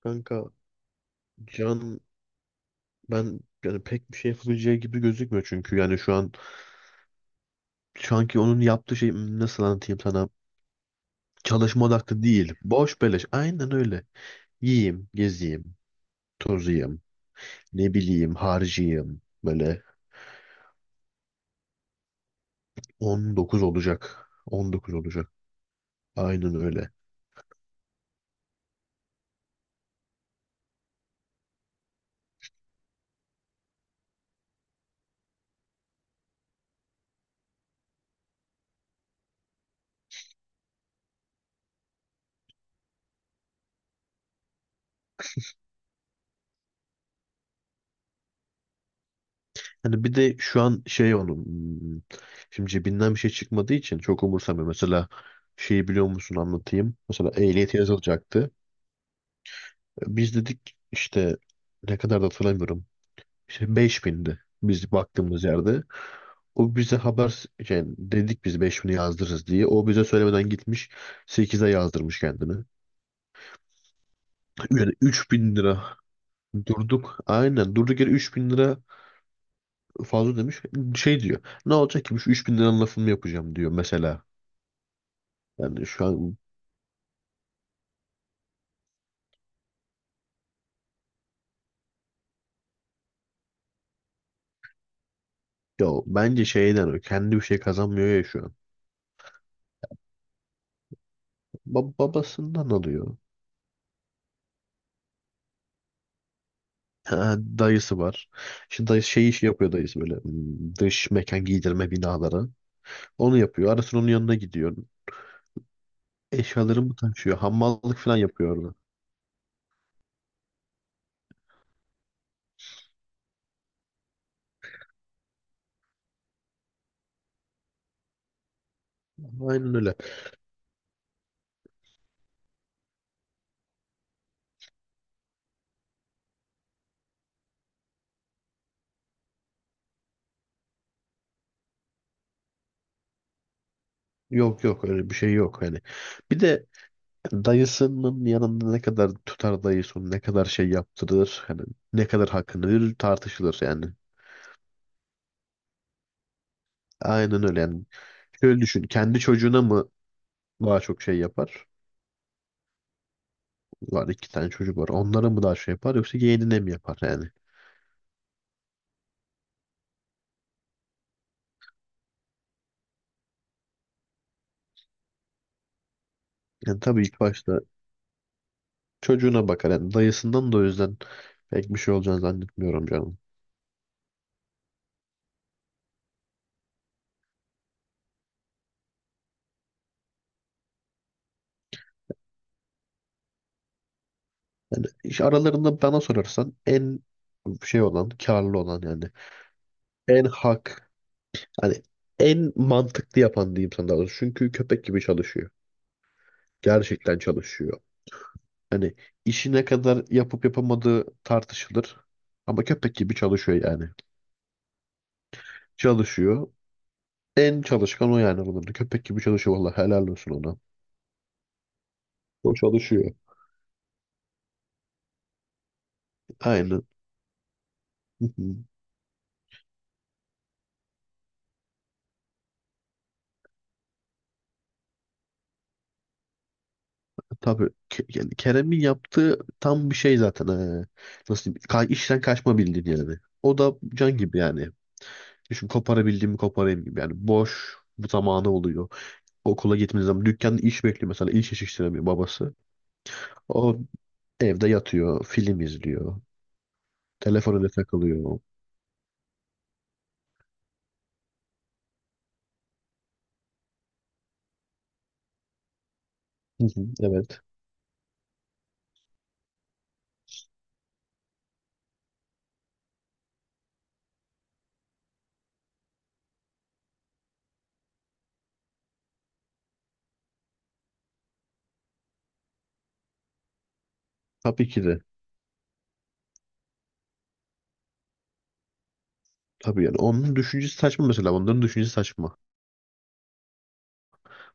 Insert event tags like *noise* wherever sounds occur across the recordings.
Kanka Can ben yani pek bir şey yapabileceği gibi gözükmüyor çünkü yani şu an şu anki onun yaptığı şey nasıl anlatayım sana. Çalışma odaklı değil, boş beleş, aynen öyle. Yiyeyim, geziyim, tozayım, ne bileyim harcayayım böyle. 19 olacak, 19 olacak, aynen öyle. Hani bir de şu an şey onun, şimdi cebinden bir şey çıkmadığı için çok umursamıyor mesela. Şeyi biliyor musun, anlatayım mesela, ehliyet yazılacaktı. Biz dedik işte, ne kadar da hatırlamıyorum. İşte 5000'di biz baktığımız yerde. O bize haber yani, dedik biz 5000'i yazdırırız diye. O bize söylemeden gitmiş, sekize yazdırmış kendini. Yani 3000 lira durduk. Aynen durduk yere 3000 lira fazla demiş. Şey diyor. Ne olacak ki bu şu 3000 liranın lafını mı yapacağım diyor mesela. Yani şu an ya bence şeyden, o kendi bir şey kazanmıyor ya şu an. Babasından alıyor. Ha, dayısı var. İşte dayısı şey işi yapıyor, dayısı böyle, dış mekan giydirme binaları. Onu yapıyor. Arasın onun yanına gidiyor. Eşyaları mı taşıyor? Hamallık falan yapıyor orada. Aynen öyle. Yok yok, öyle bir şey yok hani. Bir de dayısının yanında ne kadar tutar, dayısı onu ne kadar şey yaptırır, hani ne kadar hakkını verir, tartışılır yani. Aynen öyle yani. Şöyle düşün, kendi çocuğuna mı daha çok şey yapar? Var, iki tane çocuk var. Onlara mı daha şey yapar, yoksa yeğenine mi yapar yani? Yani tabii ilk başta çocuğuna bakar. Yani dayısından da o yüzden pek bir şey olacağını zannetmiyorum canım. Yani iş aralarında bana sorarsan en şey olan, karlı olan yani, en hak, hani en mantıklı yapan diyeyim sana daha doğrusu. Çünkü köpek gibi çalışıyor. Gerçekten çalışıyor. Hani işi ne kadar yapıp yapamadığı tartışılır. Ama köpek gibi çalışıyor yani. Çalışıyor. En çalışkan o yani aralarında. Köpek gibi çalışıyor. Vallahi helal olsun ona. O çalışıyor. Aynen. *laughs* Yani Kerem'in yaptığı tam bir şey zaten. Nasıl diyeyim? İşten kaçma bildin yani. O da can gibi yani. Düşün, koparabildiğimi koparayım gibi yani. Boş bu zamanı oluyor. Okula gitmediği zaman dükkanda iş bekliyor mesela. İş yetiştiremiyor babası. O evde yatıyor, film izliyor. Telefonuna takılıyor. Hı hı, evet. Tabii ki de. Tabii yani onun düşüncesi saçma mesela. Onların düşüncesi saçma.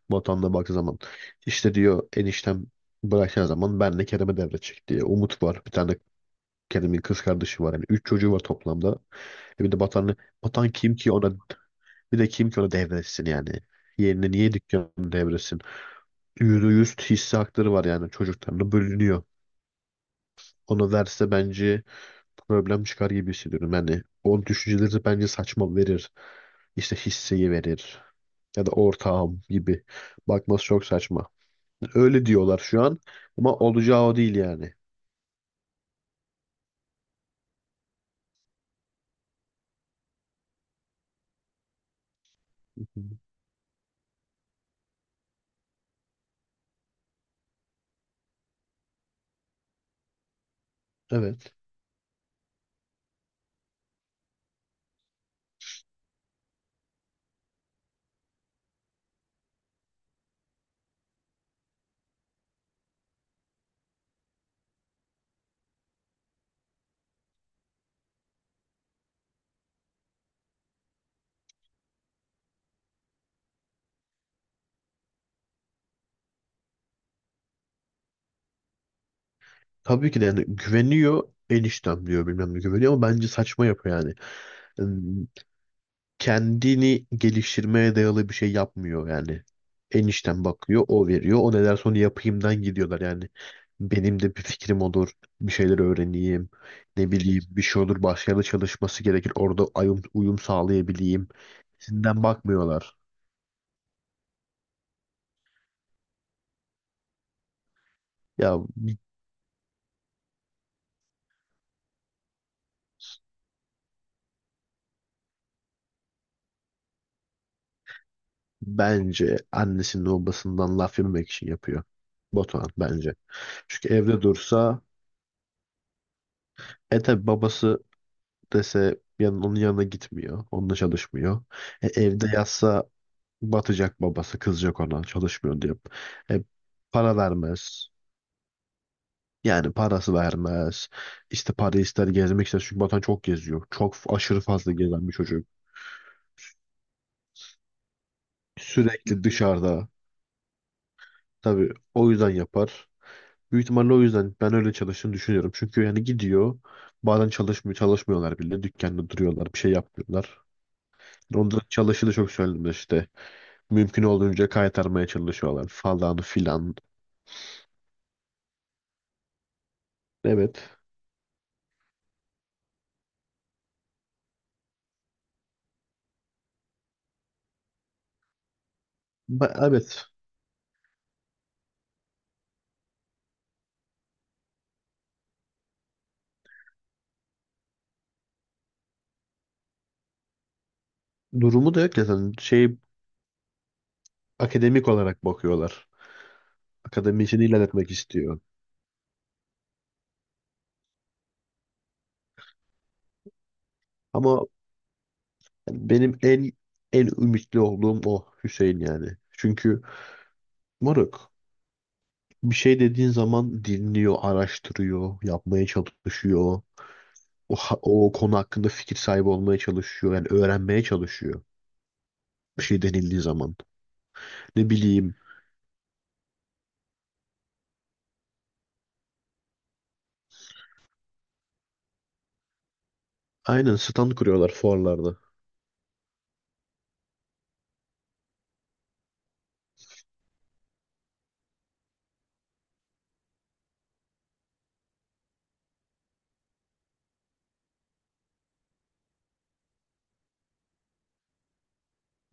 Vatanına baktığı zaman. İşte diyor eniştem, bırakacağı zaman ben de Kerem'e devredecek diye. Umut var. Bir tane kendimin kız kardeşi var yani. Üç çocuğu var toplamda. E bir de Batan'ı, Batan kim ki ona, bir de kim ki ona devretsin yani? Yerine niye dükkanı devretsin? %100 hisse hakları var, yani çocuklarına bölünüyor. Onu verse bence problem çıkar gibi hissediyorum. Yani onun düşünceleri de bence saçma, verir. İşte hisseyi verir. Ya da ortağım gibi. Bakması çok saçma. Öyle diyorlar şu an. Ama olacağı o değil yani. Evet. Tabii ki de, yani güveniyor, eniştem diyor bilmem ne, güveniyor ama bence saçma yapıyor yani. ım, Kendini geliştirmeye dayalı bir şey yapmıyor yani. Enişten bakıyor, o veriyor. O ne derse onu yapayımdan gidiyorlar yani. Benim de bir fikrim olur, bir şeyler öğreneyim, ne bileyim bir şey olur, başka yerde çalışması gerekir. Orada uyum sağlayabileyim. Sinden bakmıyorlar. Ya bence annesinin babasından laf yememek için yapıyor. Batuhan bence. Çünkü evde dursa, e tabi babası dese, yan, onun yanına gitmiyor. Onunla çalışmıyor. E, evde yatsa batacak, babası kızacak ona, çalışmıyor diye. E, para vermez. Yani parası vermez. İşte para ister, gezmek ister. Çünkü Batuhan çok geziyor. Çok aşırı fazla gezen bir çocuk. Sürekli dışarıda. Tabii o yüzden yapar. Büyük ihtimalle o yüzden ben öyle çalıştığını düşünüyorum. Çünkü yani gidiyor. Bazen çalışmıyor, çalışmıyorlar bile. Dükkanda duruyorlar. Bir şey yapmıyorlar. Onların çalışı da çok söylenir işte. Mümkün olduğunca kaytarmaya çalışıyorlar falan filan. Evet. Evet. Durumu da yok ya zaten. Şey, akademik olarak bakıyorlar. Akademisini ilerletmek istiyor. Ama benim en ümitli olduğum o Hüseyin yani. Çünkü moruk, bir şey dediğin zaman dinliyor, araştırıyor, yapmaya çalışıyor. O konu hakkında fikir sahibi olmaya çalışıyor. Yani öğrenmeye çalışıyor. Bir şey denildiği zaman. Ne bileyim. Aynen, stand kuruyorlar fuarlarda.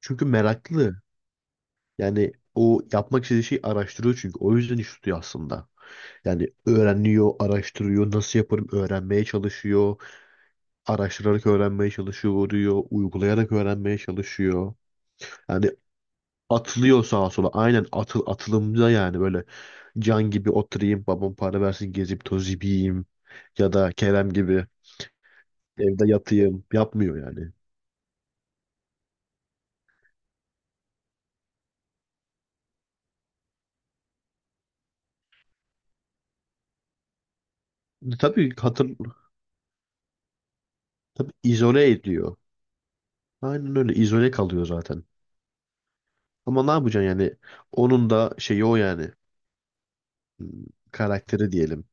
Çünkü meraklı. Yani o yapmak istediği şeyi araştırıyor çünkü. O yüzden iş tutuyor aslında. Yani öğreniyor, araştırıyor, nasıl yaparım öğrenmeye çalışıyor. Araştırarak öğrenmeye çalışıyor, diyor, uygulayarak öğrenmeye çalışıyor. Yani atılıyor sağa sola. Aynen atılımda yani, böyle can gibi oturayım, babam para versin, gezip tozip yiyeyim. Ya da Kerem gibi evde yatayım. Yapmıyor yani. Tabii hatır, tabii izole ediyor. Aynen öyle, izole kalıyor zaten. Ama ne yapacaksın yani? Onun da şeyi o yani. Hmm, Karakteri diyelim.